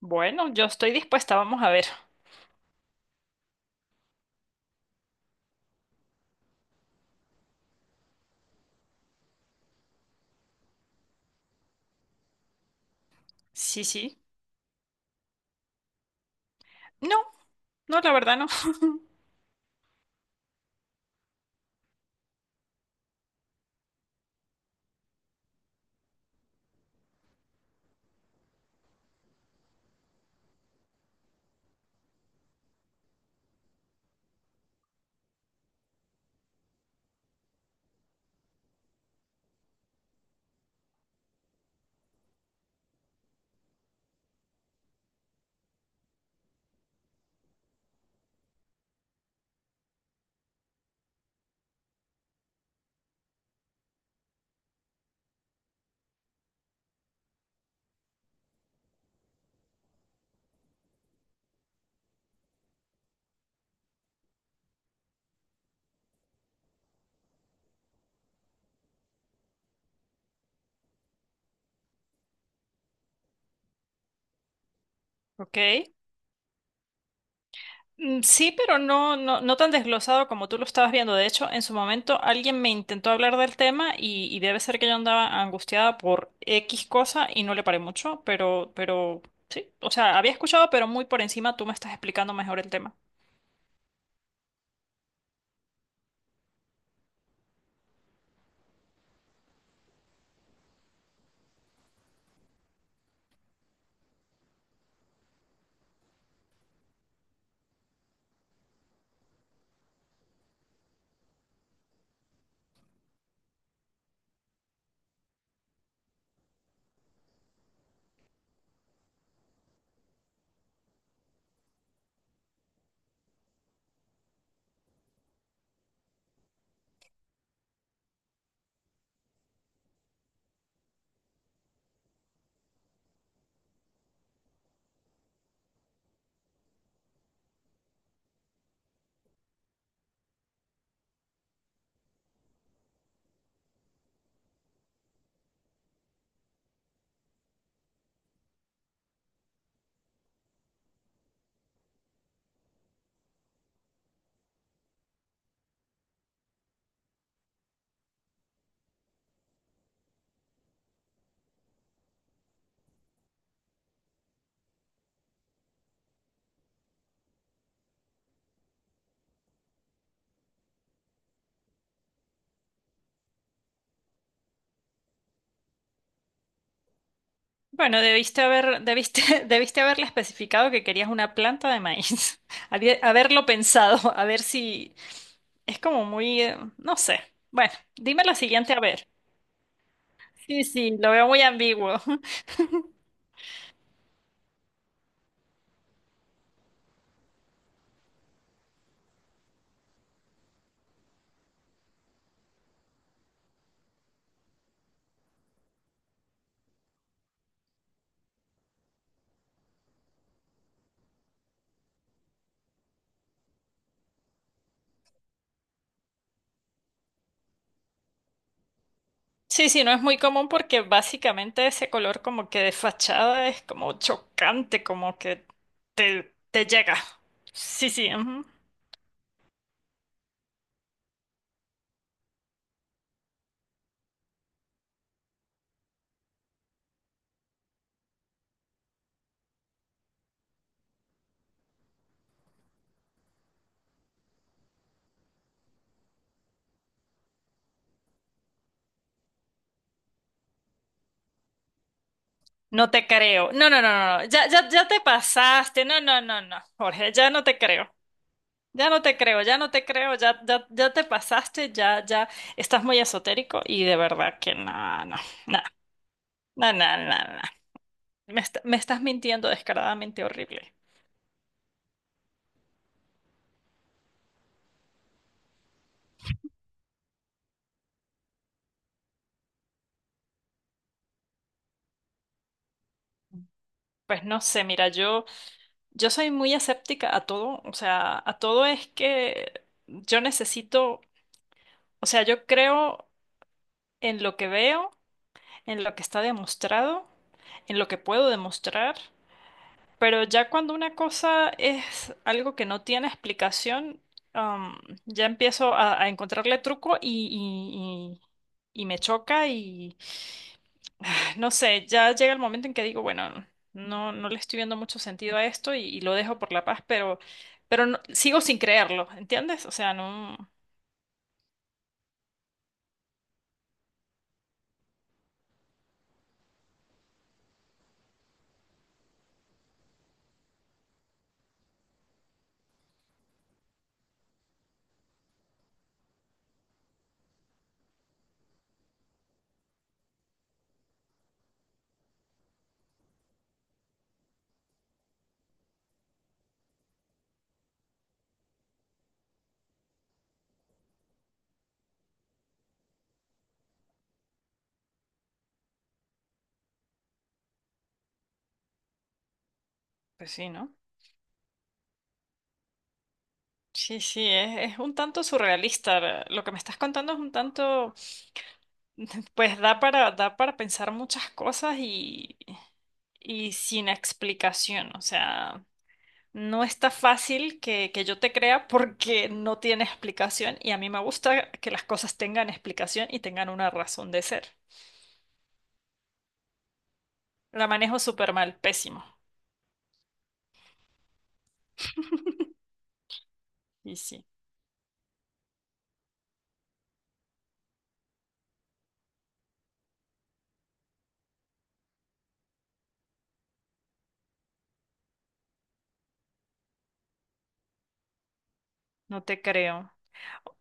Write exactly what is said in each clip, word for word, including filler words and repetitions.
Bueno, yo estoy dispuesta, vamos a ver. Sí, sí. No, no, la verdad no. Ok. Mm, Sí, pero no, no, no tan desglosado como tú lo estabas viendo. De hecho, en su momento alguien me intentó hablar del tema y, y debe ser que yo andaba angustiada por X cosa y no le paré mucho, pero, pero sí. O sea, había escuchado, pero muy por encima tú me estás explicando mejor el tema. Bueno, debiste haber, debiste, debiste haberle especificado que querías una planta de maíz. Había- haberlo pensado, a ver si. Es como muy, eh, no sé. Bueno, dime la siguiente a ver. Sí, sí, lo veo muy ambiguo. Sí, sí, no es muy común porque básicamente ese color como que de fachada es como chocante, como que te, te llega. Sí, sí, ujú. No te creo. No, no, no, no, no. Ya, ya, ya te pasaste. No, no, no, no. Jorge, ya no te creo. Ya no te creo, ya no te creo, ya, ya, ya te pasaste, ya, ya estás muy esotérico y de verdad que no, no, no, no, no, no, no. Me, est- me estás mintiendo descaradamente horrible. Pues no sé, mira, yo, yo soy muy escéptica a todo, o sea, a todo es que yo necesito, o sea, yo creo en lo que veo, en lo que está demostrado, en lo que puedo demostrar, pero ya cuando una cosa es algo que no tiene explicación, am, ya empiezo a, a encontrarle truco y, y, y y me choca y no sé, ya llega el momento en que digo, bueno, no, no le estoy viendo mucho sentido a esto y, y lo dejo por la paz, pero, pero no- sigo sin creerlo, ¿entiendes? O sea, no, pues sí, ¿no? Sí, sí, es, es un tanto surrealista. la- Lo que me estás contando es un tanto, pues da para, da para pensar muchas cosas y, y sin explicación. O sea, no está fácil que, que yo te crea porque no tiene explicación y a mí me gusta que las cosas tengan explicación y tengan una razón de ser. La manejo súper mal, pésimo. Y sí, no te creo.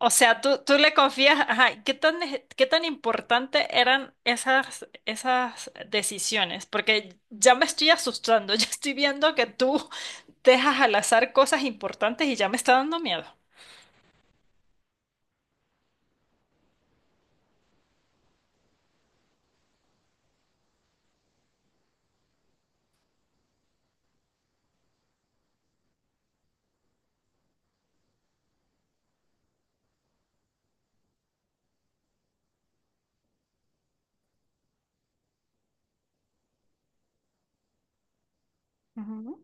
O sea, tú, tú le confías, ajá, ¿qué tan, nece- qué tan importante eran esas, esas decisiones? Porque ya me estoy asustando, ya estoy viendo que tú dejas al azar cosas importantes y ya me está dando miedo. Ujú.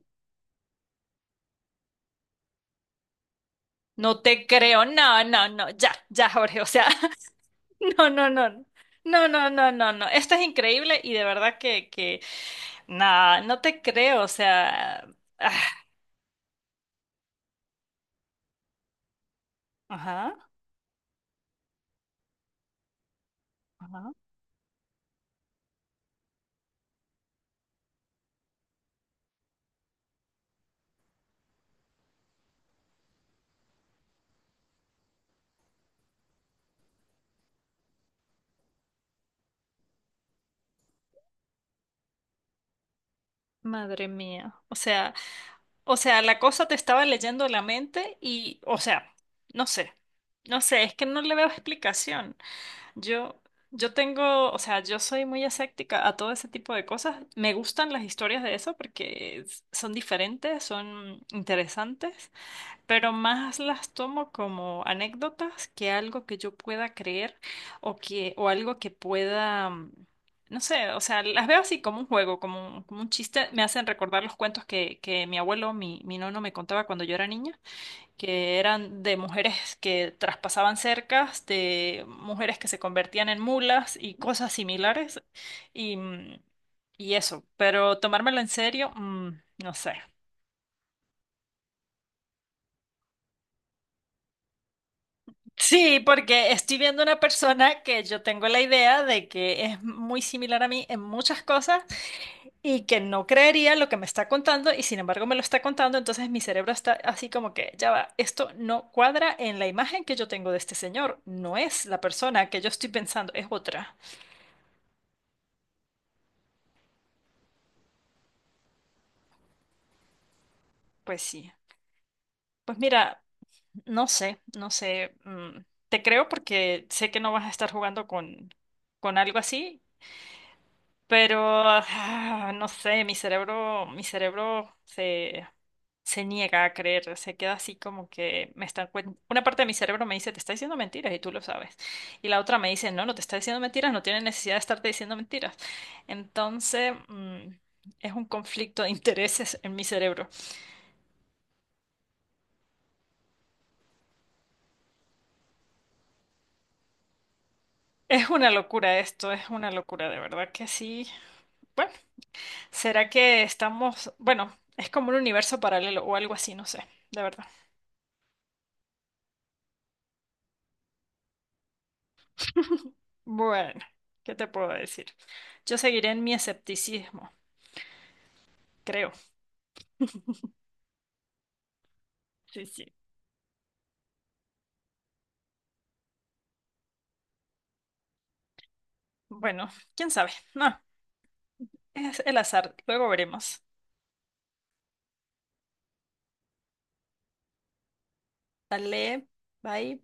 No te creo, no, no, no, ya, ya, Jorge, o sea, no, no, no, no. No, no, no, no, no. Esto es increíble y de verdad que, que, nada, no te creo, o sea, ah, ajá. Ajá. Madre mía. O sea, o sea, la cosa te estaba leyendo la mente y, o sea, no sé. No sé, es que no le veo explicación. Yo, yo tengo, o sea, yo soy muy escéptica a todo ese tipo de cosas. Me gustan las historias de eso porque s- son diferentes, son interesantes, pero más las tomo como anécdotas que algo que yo pueda creer o que o algo que pueda mm, no sé, o sea, las veo así como un juego, como un, como un chiste, me hacen recordar los cuentos que, que mi abuelo, mi, mi nono me contaba cuando yo era niña, que eran de mujeres que traspasaban cercas, de mujeres que se convertían en mulas y cosas similares y mm, y eso, pero tomármelo en serio, mm, no sé. Sí, porque estoy viendo una persona que yo tengo la idea de que es muy similar a mí en muchas cosas y que no creería lo que me está contando y sin embargo me lo está contando, entonces mi cerebro está así como que, ya va, esto no cuadra en la imagen que yo tengo de este señor, no es la persona que yo estoy pensando, es otra. Pues sí, pues mira, no sé, no sé, mm, te creo porque sé que no vas a estar jugando con, con algo así. Pero, ah, no sé, mi cerebro, mi cerebro se, se niega a creer, se queda así como que me están cuen- una parte de mi cerebro me dice, te está diciendo mentiras y tú lo sabes. Y la otra me dice, no, no te está diciendo mentiras, no tiene necesidad de estarte diciendo mentiras. Entonces, mm, es un conflicto de intereses en mi cerebro. Es una locura esto, es una locura, de verdad que sí. Bueno, ¿será que estamos, bueno, es como un universo paralelo o algo así, no sé, de verdad. Bueno, ¿qué te puedo decir? Yo seguiré en mi escepticismo, creo. Sí, sí. Bueno, quién sabe. No, es el azar. Luego veremos. Dale, bye.